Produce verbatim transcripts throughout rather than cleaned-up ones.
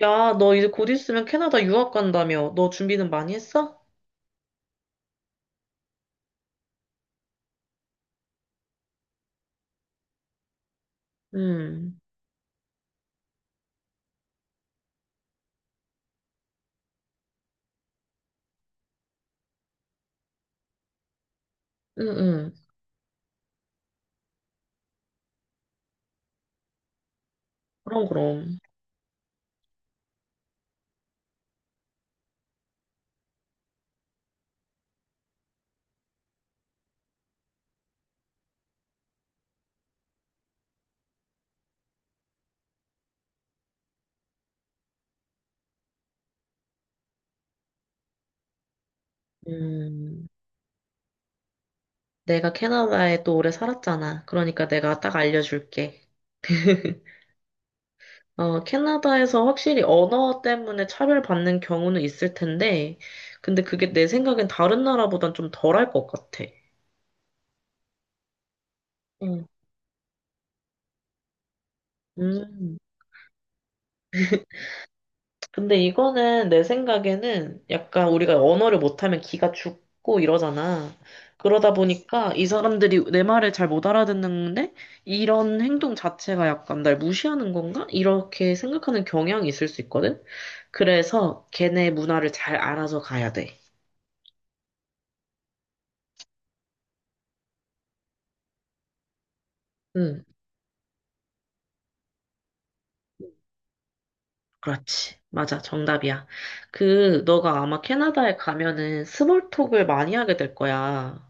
야, 너 이제 곧 있으면 캐나다 유학 간다며. 너 준비는 많이 했어? 응, 응, 응. 그럼, 그럼. 음, 내가 캐나다에 또 오래 살았잖아. 그러니까 내가 딱 알려줄게. 어, 캐나다에서 확실히 언어 때문에 차별받는 경우는 있을 텐데, 근데 그게 내 생각엔 다른 나라보단 좀 덜할 것 같아. 응. 음. 근데 이거는 내 생각에는 약간 우리가 언어를 못하면 기가 죽고 이러잖아. 그러다 보니까 이 사람들이 내 말을 잘 못 알아듣는데 이런 행동 자체가 약간 날 무시하는 건가? 이렇게 생각하는 경향이 있을 수 있거든. 그래서 걔네 문화를 잘 알아서 가야 돼. 응, 그렇지. 맞아. 정답이야. 그, 너가 아마 캐나다에 가면은 스몰톡을 많이 하게 될 거야.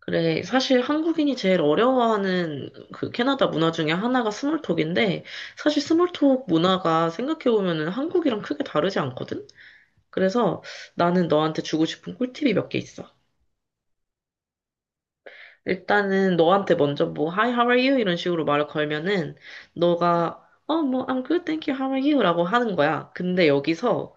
그래, 사실 한국인이 제일 어려워하는 그 캐나다 문화 중에 하나가 스몰톡인데, 사실 스몰톡 문화가 생각해보면은 한국이랑 크게 다르지 않거든? 그래서 나는 너한테 주고 싶은 꿀팁이 몇 개 있어. 일단은 너한테 먼저 뭐, Hi, how are you? 이런 식으로 말을 걸면은, 너가, 어, 뭐, I'm good, thank you, how are you? 라고 하는 거야. 근데 여기서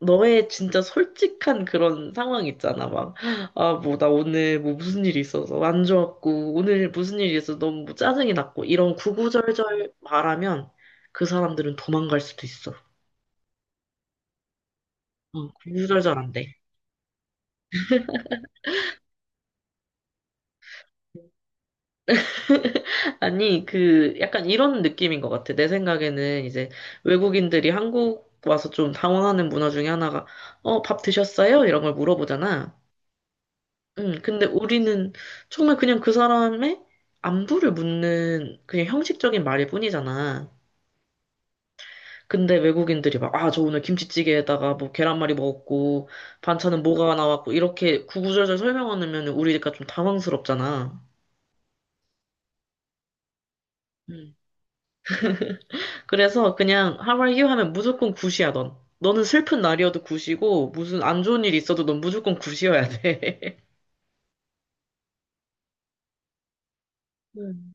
너의 진짜 솔직한 그런 상황 있잖아. 막, 아, 뭐, 나 오늘 뭐 무슨 일이 있어서 안 좋았고, 오늘 무슨 일이 있어서 너무 뭐 짜증이 났고, 이런 구구절절 말하면 그 사람들은 도망갈 수도 있어. 어, 구구절절 안 돼. 아니, 그, 약간 이런 느낌인 것 같아. 내 생각에는 이제 외국인들이 한국 와서 좀 당황하는 문화 중에 하나가, 어, 밥 드셨어요? 이런 걸 물어보잖아. 응. 근데 우리는 정말 그냥 그 사람의 안부를 묻는 그냥 형식적인 말일 뿐이잖아. 근데 외국인들이 막, 아, 저 오늘 김치찌개에다가 뭐 계란말이 먹었고, 반찬은 뭐가 나왔고, 이렇게 구구절절 설명하면 우리가 좀 당황스럽잖아. 음. 그래서 그냥 How are you 하면 무조건 굿이야, 넌. 너는 슬픈 날이어도 굿이고, 무슨 안 좋은 일이 있어도 넌 무조건 굿이어야 돼. 음.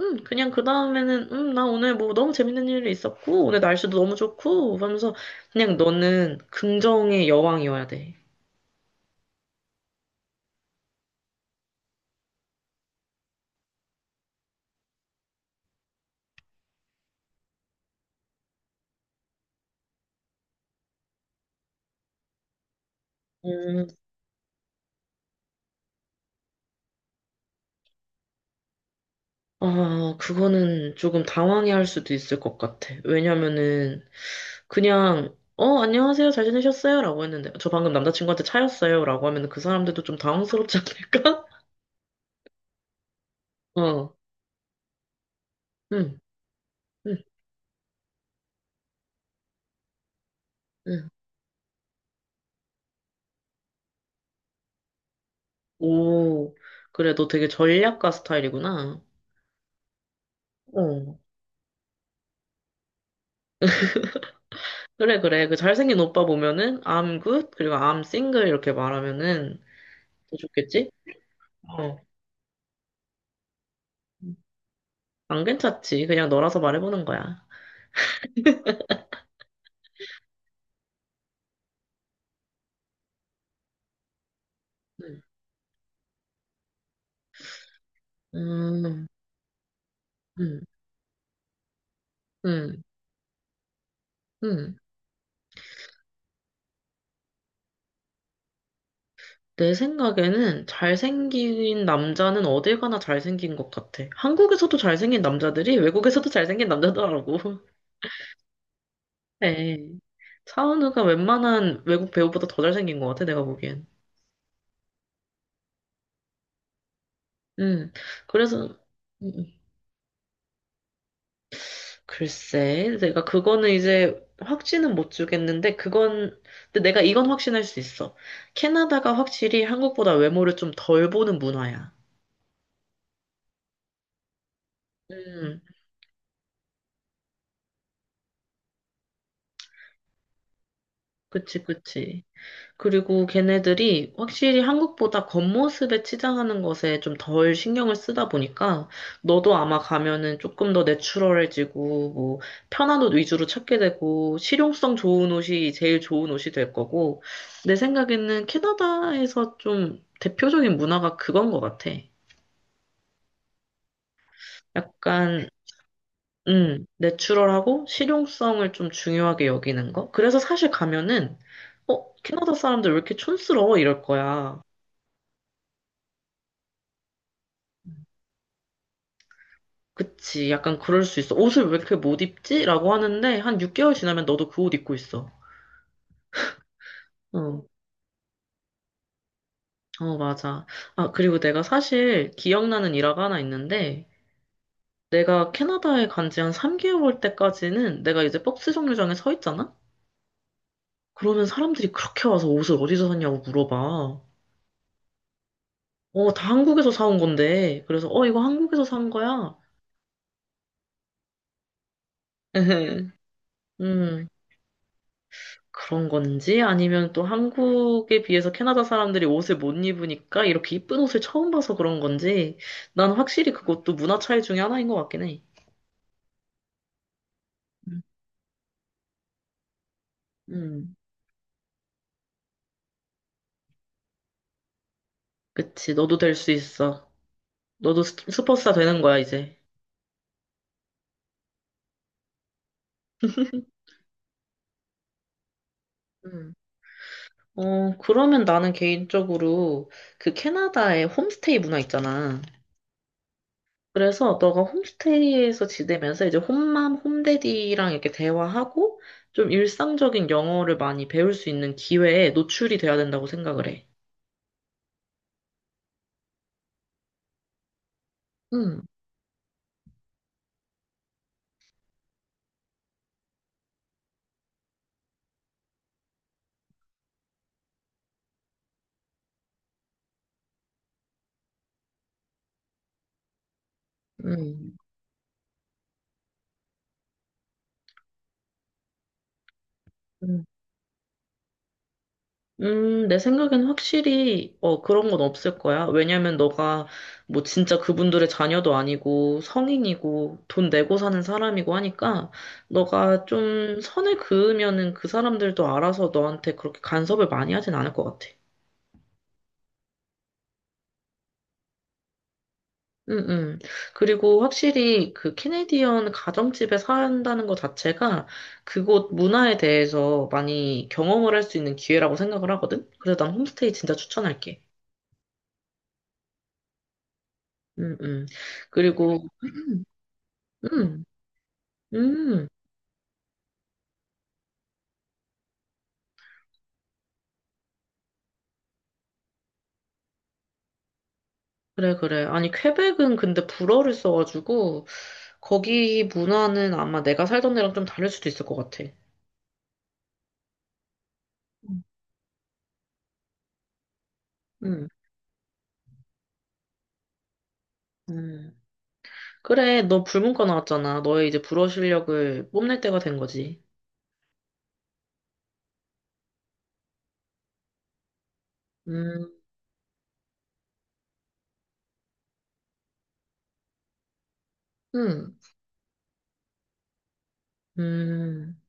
음, 그냥 그 다음에는, 음, 나 오늘 뭐 너무 재밌는 일이 있었고, 오늘 날씨도 너무 좋고, 하면서 그냥 너는 긍정의 여왕이어야 돼. 음, 아, 그거는 조금 당황해 할 수도 있을 것 같아. 왜냐면은, 그냥, 어, 안녕하세요, 잘 지내셨어요? 라고 했는데, 저 방금 남자친구한테 차였어요? 라고 하면 그 사람들도 좀 당황스럽지 않을까? 어, 응, 응, 응. 오, 그래, 너 되게 전략가 스타일이구나. 어. 그래, 그래. 그 잘생긴 오빠 보면은, I'm good, 그리고 I'm single 이렇게 말하면은 더 좋겠지? 어. 안 괜찮지. 그냥 너라서 말해보는 거야. 음, 음, 음, 음. 음. 내 생각에는 잘생긴 남자는 어딜 가나 잘생긴 것 같아. 한국에서도 잘생긴 남자들이 외국에서도 잘생긴 남자더라고. 네. 차은우가 웬만한 외국 배우보다 더 잘생긴 것 같아, 내가 보기엔. 음, 그래서, 음, 음. 글쎄, 내가 그거는 이제 확신은 못 주겠는데, 그건, 근데 내가 이건 확신할 수 있어. 캐나다가 확실히 한국보다 외모를 좀 덜 보는 문화야. 음, 그치, 그치. 그리고 걔네들이 확실히 한국보다 겉모습에 치장하는 것에 좀 덜 신경을 쓰다 보니까 너도 아마 가면은 조금 더 내추럴해지고 뭐 편한 옷 위주로 찾게 되고 실용성 좋은 옷이 제일 좋은 옷이 될 거고 내 생각에는 캐나다에서 좀 대표적인 문화가 그건 것 같아. 약간 음, 내추럴하고 실용성을 좀 중요하게 여기는 거. 그래서 사실 가면은 어, 캐나다 사람들 왜 이렇게 촌스러워 이럴 거야. 그치. 약간 그럴 수 있어. 옷을 왜 이렇게 못 입지? 라고 하는데, 한 육 개월 지나면 너도 그 옷 입고 있어. 어, 어, 맞아. 아, 그리고 내가 사실 기억나는 일화가 하나 있는데, 내가 캐나다에 간지 한 삼 개월 때까지는 내가 이제 박스 정류장에 서 있잖아? 그러면 사람들이 그렇게 와서 옷을 어디서 샀냐고 물어봐. 어, 다 한국에서 사온 건데. 그래서, 어, 이거 한국에서 산 거야. 음, 그런 건지 아니면 또 한국에 비해서 캐나다 사람들이 옷을 못 입으니까 이렇게 이쁜 옷을 처음 봐서 그런 건지 난 확실히 그것도 문화 차이 중에 하나인 것 같긴 해. 음, 음. 그치, 너도 될 수 있어. 너도 스- 슈퍼스타 되는 거야, 이제. 음. 어, 그러면 나는 개인적으로 그 캐나다의 홈스테이 문화 있잖아. 그래서 너가 홈스테이에서 지내면서 이제 홈맘, 홈데디랑 이렇게 대화하고 좀 일상적인 영어를 많이 배울 수 있는 기회에 노출이 돼야 된다고 생각을 해. 음, 음, 음, 음, 내 생각엔 확실히 어, 그런 건 없을 거야. 왜냐면 너가 뭐 진짜 그분들의 자녀도 아니고 성인이고 돈 내고 사는 사람이고 하니까 너가 좀 선을 그으면은 그 사람들도 알아서 너한테 그렇게 간섭을 많이 하진 않을 것 같아. 음, 음. 그리고 확실히 그 캐네디언 가정집에 산다는 것 자체가 그곳 문화에 대해서 많이 경험을 할 수 있는 기회라고 생각을 하거든? 그래서 난 홈스테이 진짜 추천할게. 음, 음. 그리고 음, 음. 그래, 그래. 아니, 퀘벡은 근데 불어를 써가지고 거기 문화는 아마 내가 살던 데랑 좀 다를 수도 있을 것 같아. 음. 음, 음. 그래, 너 불문과 나왔잖아. 너의 이제 불어 실력을 뽐낼 때가 된 거지. 음, 음. 음,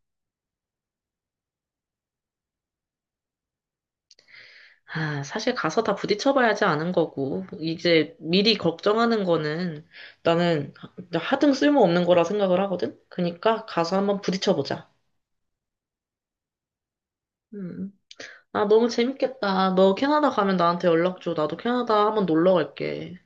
아, 사실 가서 다 부딪혀봐야지 아는 거고, 이제 미리 걱정하는 거는 나는 하등 쓸모없는 거라 생각을 하거든? 그니까 가서 한번 부딪혀보자. 음. 아, 너무 재밌겠다. 너 캐나다 가면 나한테 연락 줘. 나도 캐나다 한번 놀러 갈게.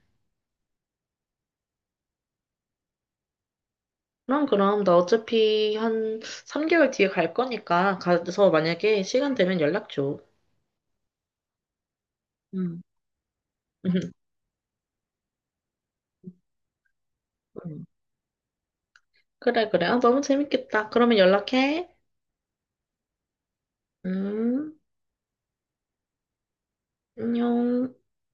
그럼, 그럼. 나 어차피 한 삼 개월 뒤에 갈 거니까 가서 만약에 시간 되면 연락 줘. 음. 음. 그래, 그래. 아, 너무 재밌겠다. 그러면 연락해. 음, 안녕.